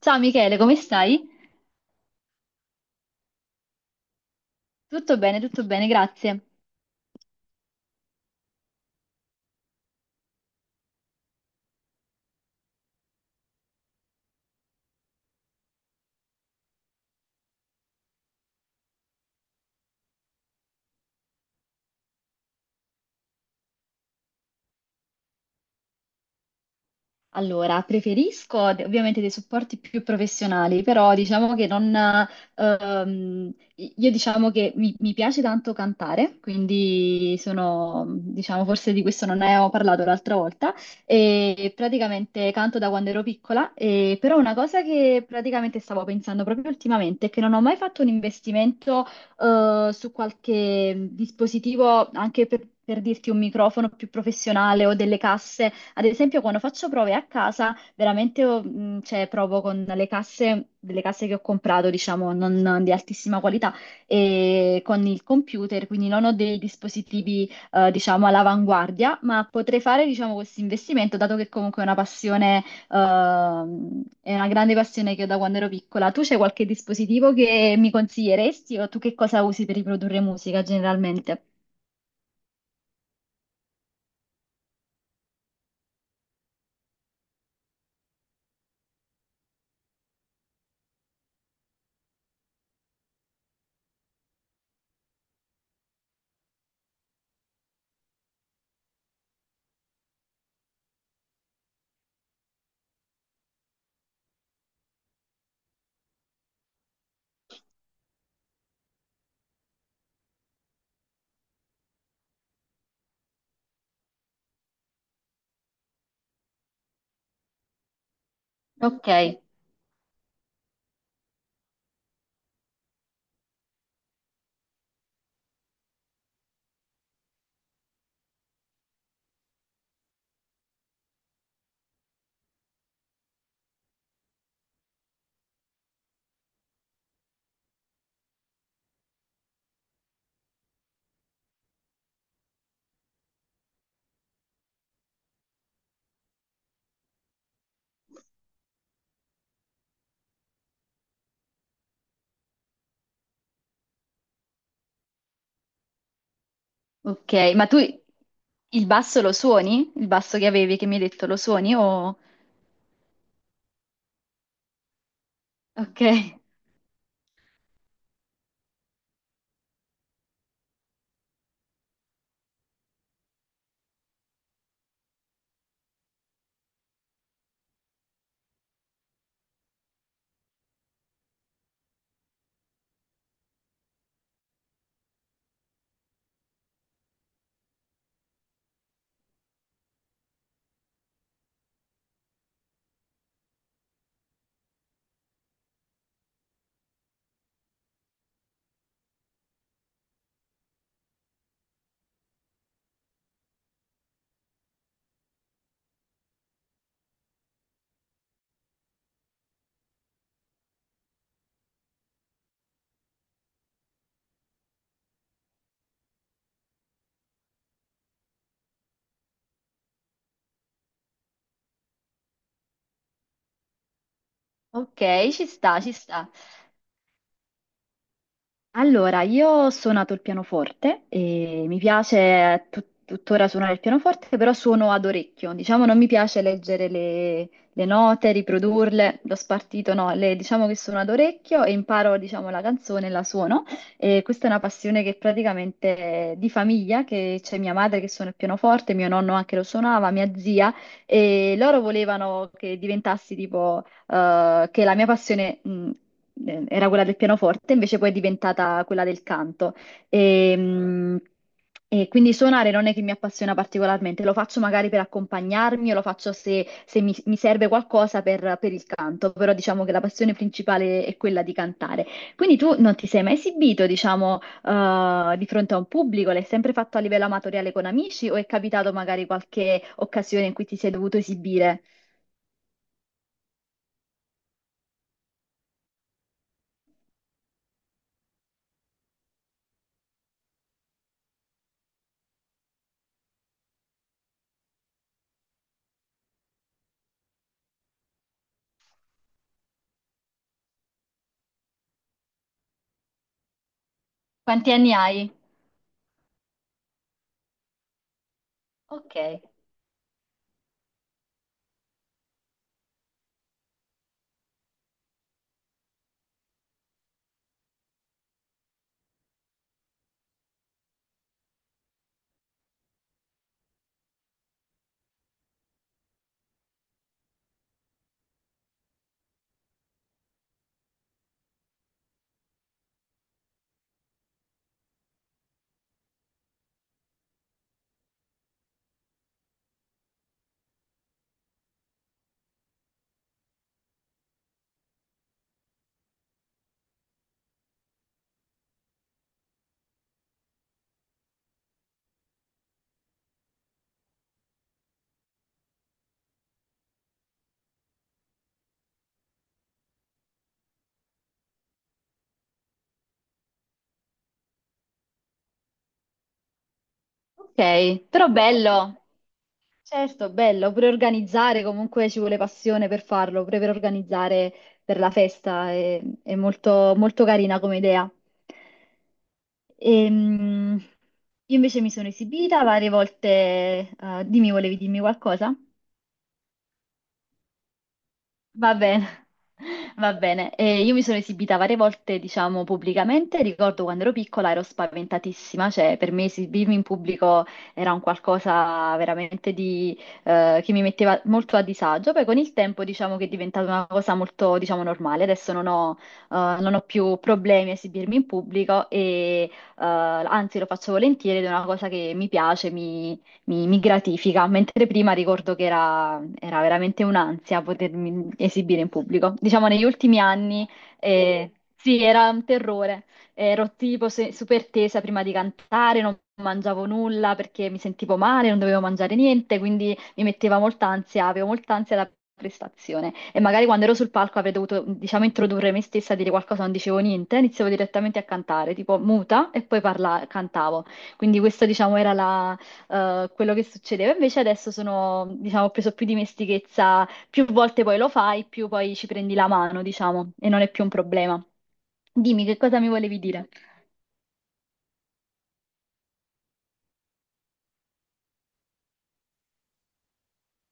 Ciao Michele, come stai? Tutto bene, grazie. Allora, preferisco ovviamente dei supporti più professionali, però diciamo che non... io diciamo che mi piace tanto cantare, quindi sono, diciamo, forse di questo non ne ho parlato l'altra volta, e praticamente canto da quando ero piccola, e, però una cosa che praticamente stavo pensando proprio ultimamente è che non ho mai fatto un investimento su qualche dispositivo, anche per... Per dirti un microfono più professionale o delle casse ad esempio, quando faccio prove a casa, veramente cioè, provo con le casse, delle casse che ho comprato, diciamo, non di altissima qualità, e con il computer, quindi non ho dei dispositivi, diciamo, all'avanguardia, ma potrei fare, diciamo, questo investimento, dato che comunque è una passione, è una grande passione che ho da quando ero piccola. Tu c'è qualche dispositivo che mi consiglieresti o tu che cosa usi per riprodurre musica generalmente? Ok. Ok, ma tu il basso lo suoni? Il basso che avevi, che mi hai detto, lo suoni? O... Ok, ok, ci sta, ci sta. Allora, io ho suonato il pianoforte e mi piace tuttora suonare il pianoforte, però suono ad orecchio. Diciamo, non mi piace leggere le note, riprodurle, l'ho spartito, no, diciamo che suono ad orecchio e imparo, diciamo, la canzone e la suono. E questa è una passione che praticamente è di famiglia, che c'è mia madre che suona il pianoforte, mio nonno anche lo suonava, mia zia, e loro volevano che diventassi tipo che la mia passione, era quella del pianoforte, invece poi è diventata quella del canto. E, mh, e quindi suonare non è che mi appassiona particolarmente, lo faccio magari per accompagnarmi o lo faccio se, mi serve qualcosa per il canto, però diciamo che la passione principale è quella di cantare. Quindi tu non ti sei mai esibito, diciamo, di fronte a un pubblico? L'hai sempre fatto a livello amatoriale con amici o è capitato magari qualche occasione in cui ti sei dovuto esibire? Quanti anni hai? Ok. Ok, però bello, certo, bello, pure organizzare, comunque ci vuole passione per farlo, pure per organizzare per la festa, è molto, molto carina come idea. Ehm, io invece mi sono esibita varie volte, dimmi, volevi dirmi qualcosa? Va bene, va bene. Io mi sono esibita varie volte, diciamo, pubblicamente. Ricordo quando ero piccola ero spaventatissima, cioè per me esibirmi in pubblico era un qualcosa veramente di, che mi metteva molto a disagio. Poi con il tempo diciamo che è diventata una cosa molto, diciamo, normale. Adesso non ho, non ho più problemi a esibirmi in pubblico e anzi lo faccio volentieri ed è una cosa che mi piace, mi gratifica, mentre prima ricordo che era, era veramente un'ansia potermi esibire in pubblico. Diciamo negli ultimi anni eh, sì, era un terrore, ero tipo super tesa prima di cantare, non mangiavo nulla perché mi sentivo male, non dovevo mangiare niente, quindi mi metteva molta ansia, avevo molta ansia da prestazione e magari quando ero sul palco avrei dovuto, diciamo, introdurre me stessa, dire qualcosa, non dicevo niente, iniziavo direttamente a cantare, tipo muta e poi cantavo. Quindi questa, diciamo, era la quello che succedeva. Invece adesso sono, diciamo, ho preso più dimestichezza, più volte poi lo fai, più poi ci prendi la mano, diciamo, e non è più un problema. Dimmi che cosa mi volevi dire.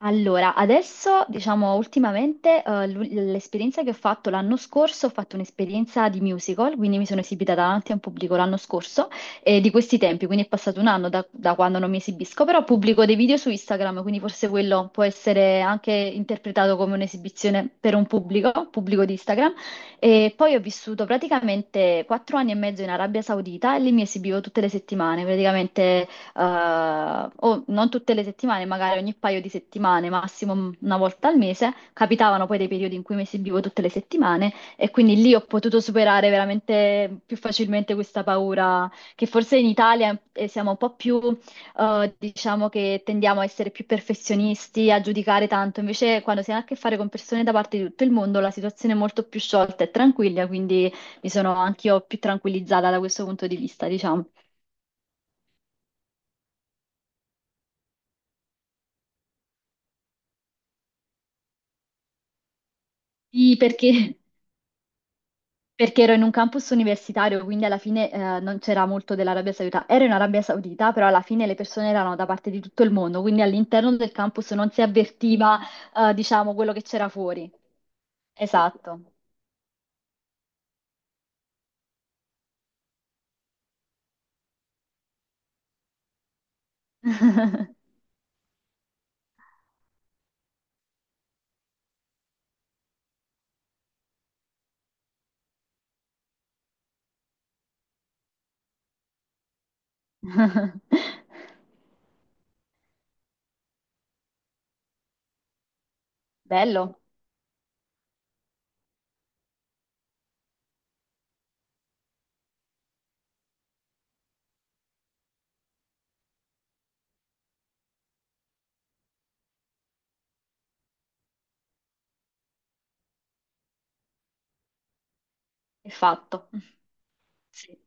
Allora, adesso, diciamo, ultimamente, l'esperienza che ho fatto l'anno scorso, ho fatto un'esperienza di musical, quindi mi sono esibita davanti a un pubblico l'anno scorso, di questi tempi, quindi è passato un anno da, da quando non mi esibisco, però pubblico dei video su Instagram, quindi forse quello può essere anche interpretato come un'esibizione per un pubblico, pubblico di Instagram. E poi ho vissuto praticamente quattro anni e mezzo in Arabia Saudita e lì mi esibivo tutte le settimane, praticamente o non tutte le settimane, magari ogni paio di settimane, massimo una volta al mese, capitavano poi dei periodi in cui mi esibivo tutte le settimane e quindi lì ho potuto superare veramente più facilmente questa paura che forse in Italia siamo un po' più, diciamo che tendiamo a essere più perfezionisti, a giudicare tanto, invece quando si ha a che fare con persone da parte di tutto il mondo la situazione è molto più sciolta e tranquilla, quindi mi sono anch'io più tranquillizzata da questo punto di vista, diciamo. Sì, perché ero in un campus universitario, quindi alla fine non c'era molto dell'Arabia Saudita. Ero in Arabia Saudita, però alla fine le persone erano da parte di tutto il mondo, quindi all'interno del campus non si avvertiva, diciamo, quello che c'era fuori. Esatto. Bello, è fatto. Sì.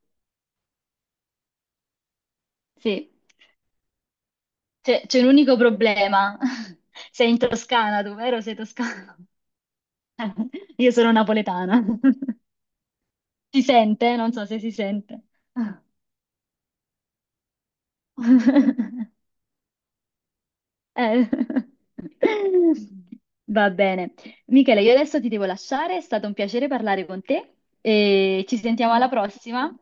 Sì. C'è un unico problema. Sei in Toscana, tu, vero? Sei toscano? Io sono napoletana. Si sente? Non so se si sente. Eh. Va bene. Michele, io adesso ti devo lasciare, è stato un piacere parlare con te e ci sentiamo alla prossima.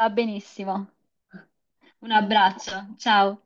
Va benissimo. Un abbraccio, ciao.